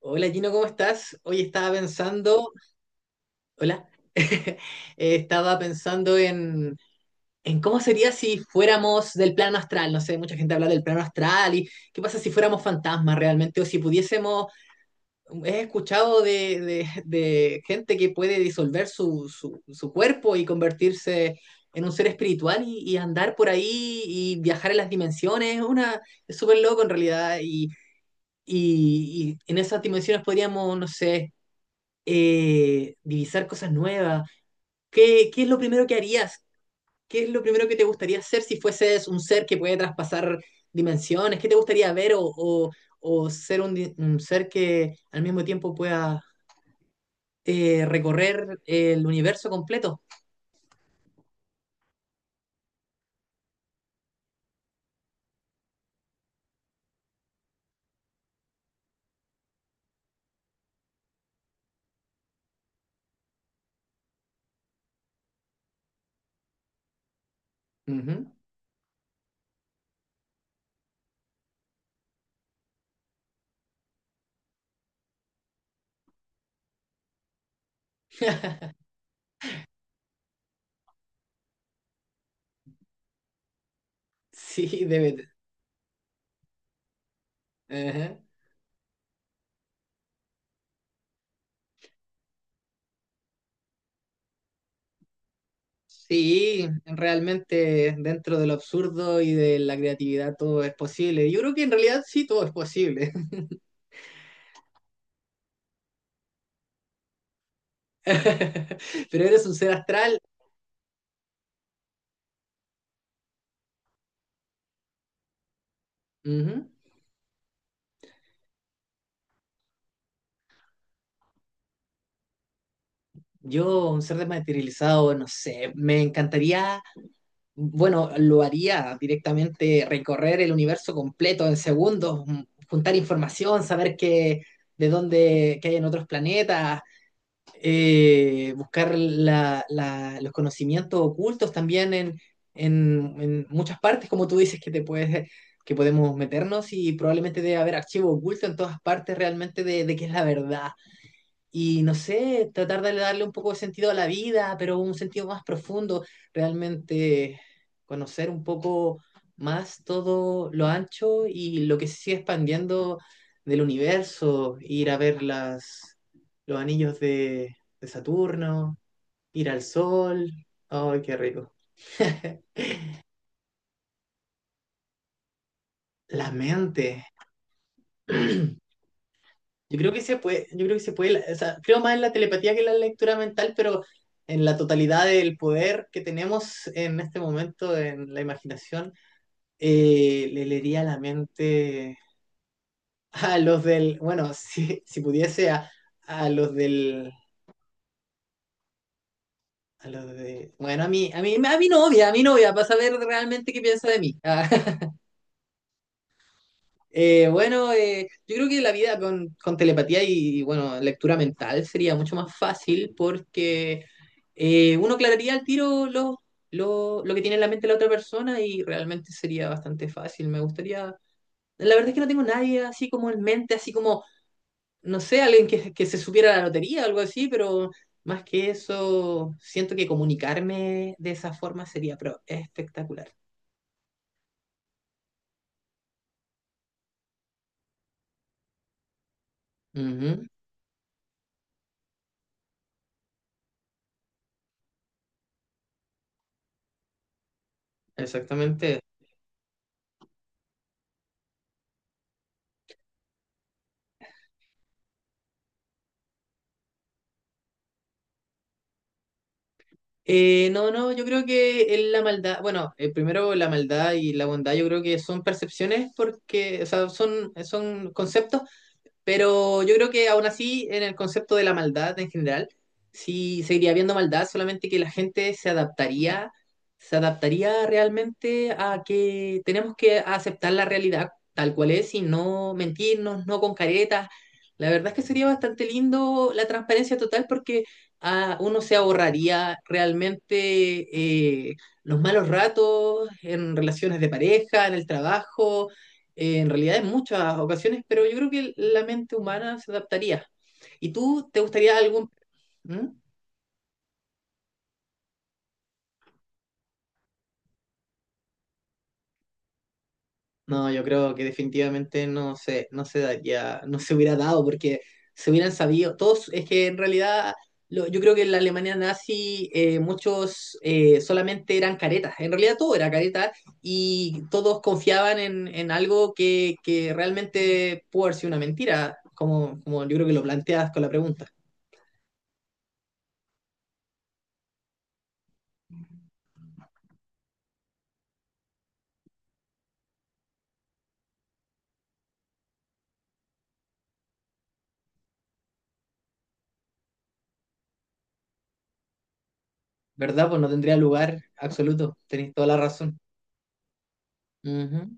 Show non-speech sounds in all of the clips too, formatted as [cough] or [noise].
Hola Gino, ¿cómo estás? Hoy estaba pensando, hola, [laughs] Eh, estaba en cómo sería si fuéramos del plano astral. No sé, mucha gente habla del plano astral y qué pasa si fuéramos fantasmas realmente o si pudiésemos, he escuchado de gente que puede disolver su cuerpo y convertirse en un ser espiritual y andar por ahí y viajar en las dimensiones. Una, es súper loco en realidad y, y en esas dimensiones podríamos, no sé divisar cosas nuevas. Qué es lo primero que harías? ¿Qué es lo primero que te gustaría hacer si fueses un ser que puede traspasar dimensiones? ¿Qué te gustaría ver o ser un, un ser que al mismo tiempo pueda recorrer el universo completo? Ujú. [laughs] Sí, debe. Ajá. Sí, realmente dentro de lo absurdo y de la creatividad todo es posible. Yo creo que en realidad sí todo es posible. [laughs] Pero eres un ser astral. Ujú. Yo, un ser desmaterializado, no sé, me encantaría, bueno, lo haría directamente, recorrer el universo completo en segundos, juntar información, saber qué, de dónde, qué hay en otros planetas, buscar los conocimientos ocultos también en, en muchas partes, como tú dices, que te puedes, que podemos meternos y probablemente debe haber archivo oculto en todas partes realmente de qué es la verdad y no sé, tratar de darle un poco de sentido a la vida, pero un sentido más profundo, realmente conocer un poco más todo lo ancho y lo que se sigue expandiendo del universo, ir a ver las, los anillos de Saturno, ir al sol, ¡ay, qué rico! La mente. [clears throat] Yo creo que se puede, yo creo que se puede, o sea, creo más en la telepatía que en la lectura mental, pero en la totalidad del poder que tenemos en este momento, en la imaginación, le leería la mente a los del, bueno, [laughs] si pudiese a los del, a los de, bueno, a mi novia, para saber realmente qué piensa de mí. [laughs] Bueno, yo creo que la vida con telepatía y, bueno, lectura mental sería mucho más fácil porque uno aclararía al tiro lo, lo que tiene en la mente la otra persona y realmente sería bastante fácil. Me gustaría... La verdad es que no tengo nadie así como en mente, así como, no sé, alguien que se supiera la lotería o algo así, pero más que eso, siento que comunicarme de esa forma sería espectacular. Ujú, exactamente. No, yo creo que es la maldad, bueno, primero la maldad y la bondad, yo creo que son percepciones porque, o sea, son conceptos pero yo creo que aún así, en el concepto de la maldad en general, sí seguiría habiendo maldad, solamente que la gente se adaptaría realmente a que tenemos que aceptar la realidad tal cual es y no mentirnos, no con caretas. La verdad es que sería bastante lindo la transparencia total porque ah, uno se ahorraría realmente los malos ratos en relaciones de pareja, en el trabajo en realidad en muchas ocasiones, pero yo creo que la mente humana se adaptaría. ¿Y tú te gustaría algún... ¿Mm? No, yo creo que definitivamente no se daría, no se hubiera dado porque se hubieran sabido, todos, es que en realidad yo creo que en la Alemania nazi muchos solamente eran caretas, en realidad todo era careta y todos confiaban en algo que realmente pudo haber sido una mentira, como, como yo creo que lo planteas con la pregunta. ¿Verdad? Pues no tendría lugar absoluto. Tenéis toda la razón. Ujú.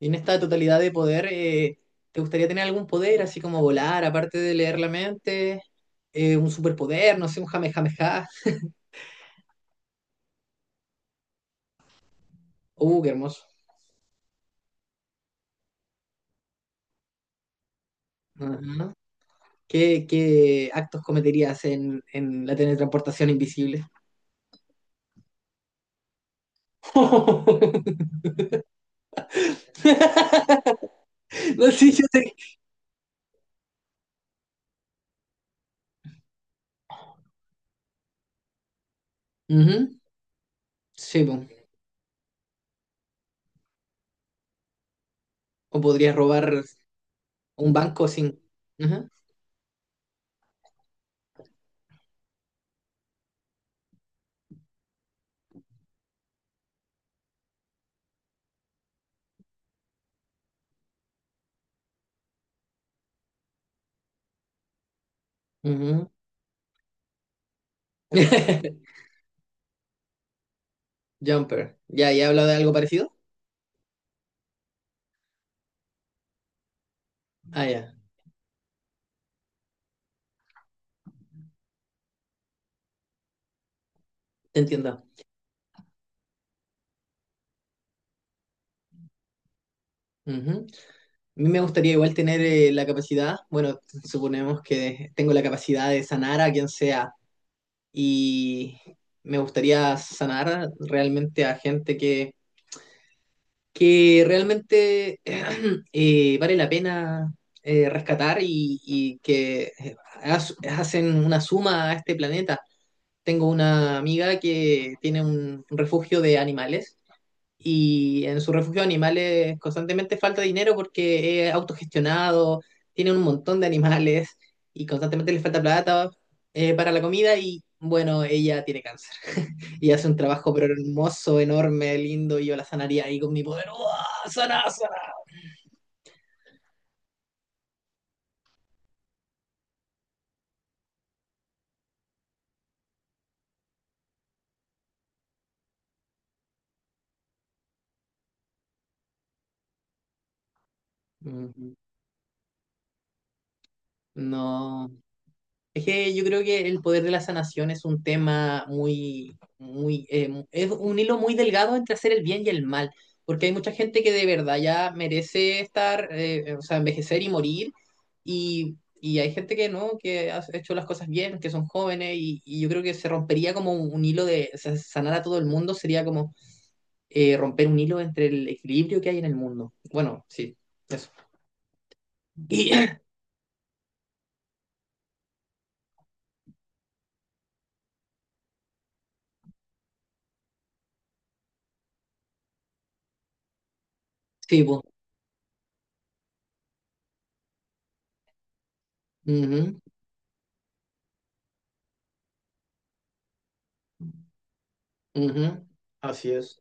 Y en esta totalidad de poder, ¿te gustaría tener algún poder, así como volar, aparte de leer la mente? Un superpoder, no sé, un jamejameja. Qué hermoso. Ujú. Qué actos cometerías en la teletransportación invisible? [laughs] No, sí, yo sé. Ujú. Sí, po. O podrías robar un banco sin. Ujú. Ujú. [laughs] Jumper. Ya, ya he hablado de algo parecido. Ah, ya, te entiendo. Ujú. A mí me gustaría igual tener la capacidad, bueno, suponemos que tengo la capacidad de sanar a quien sea y me gustaría sanar realmente a gente que realmente [clears throat] vale la pena rescatar y que hacen una suma a este planeta. Tengo una amiga que tiene un refugio de animales y en su refugio de animales constantemente falta dinero porque es autogestionado, tiene un montón de animales y constantemente le falta plata para la comida y bueno, ella tiene cáncer [laughs] y hace un trabajo pero hermoso, enorme, lindo y yo la sanaría ahí con mi poder. ¡Uah! ¡Sana, sana! Mm, no. Es que yo creo que el poder de la sanación es un tema muy, muy, es un hilo muy delgado entre hacer el bien y el mal, porque hay mucha gente que de verdad ya merece estar, o sea, envejecer y morir, y hay gente que no, que ha hecho las cosas bien, que son jóvenes, y yo creo que se rompería como un hilo de, o sea, sanar a todo el mundo sería como romper un hilo entre el equilibrio que hay en el mundo. Bueno, sí, eso. Y, [clears throat] sí, pues. Ujú, ujú, así es.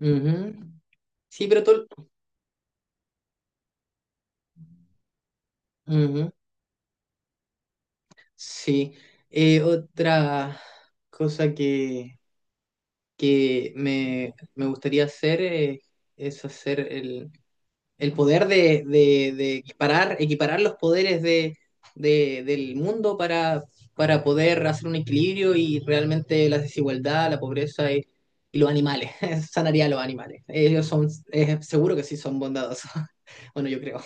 Ujú. Sí, pero todo... Ujú, sí. Otra cosa que me gustaría hacer es hacer el poder de, de equiparar, equiparar los poderes de, del mundo para poder hacer un equilibrio y realmente la desigualdad, la pobreza y los animales. [laughs] Sanaría a los animales. Ellos son, seguro que sí son bondadosos. [laughs] Bueno, yo creo.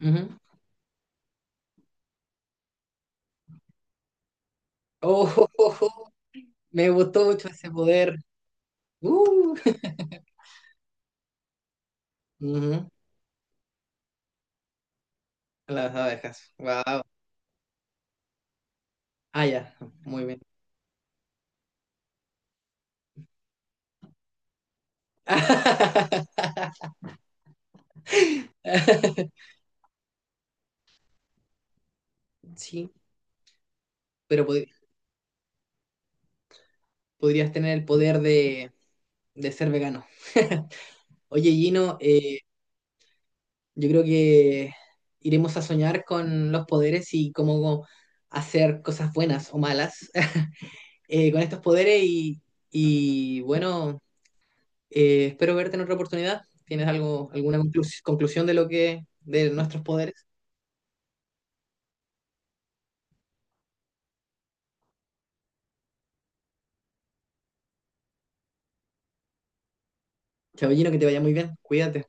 Ujú. Oh, [laughs] me gustó mucho ese poder. Uh, ujú, las abejas. Wow. Ah, ya. Muy bien. [laughs] Sí, pero podrías tener el poder de ser vegano. [laughs] Oye, Gino, yo creo que iremos a soñar con los poderes y cómo hacer cosas buenas o malas [laughs] con estos poderes y bueno, espero verte en otra oportunidad. ¿Tienes algo, alguna conclusión de lo que, de nuestros poderes? Chabellino, que te vaya muy bien. Cuídate.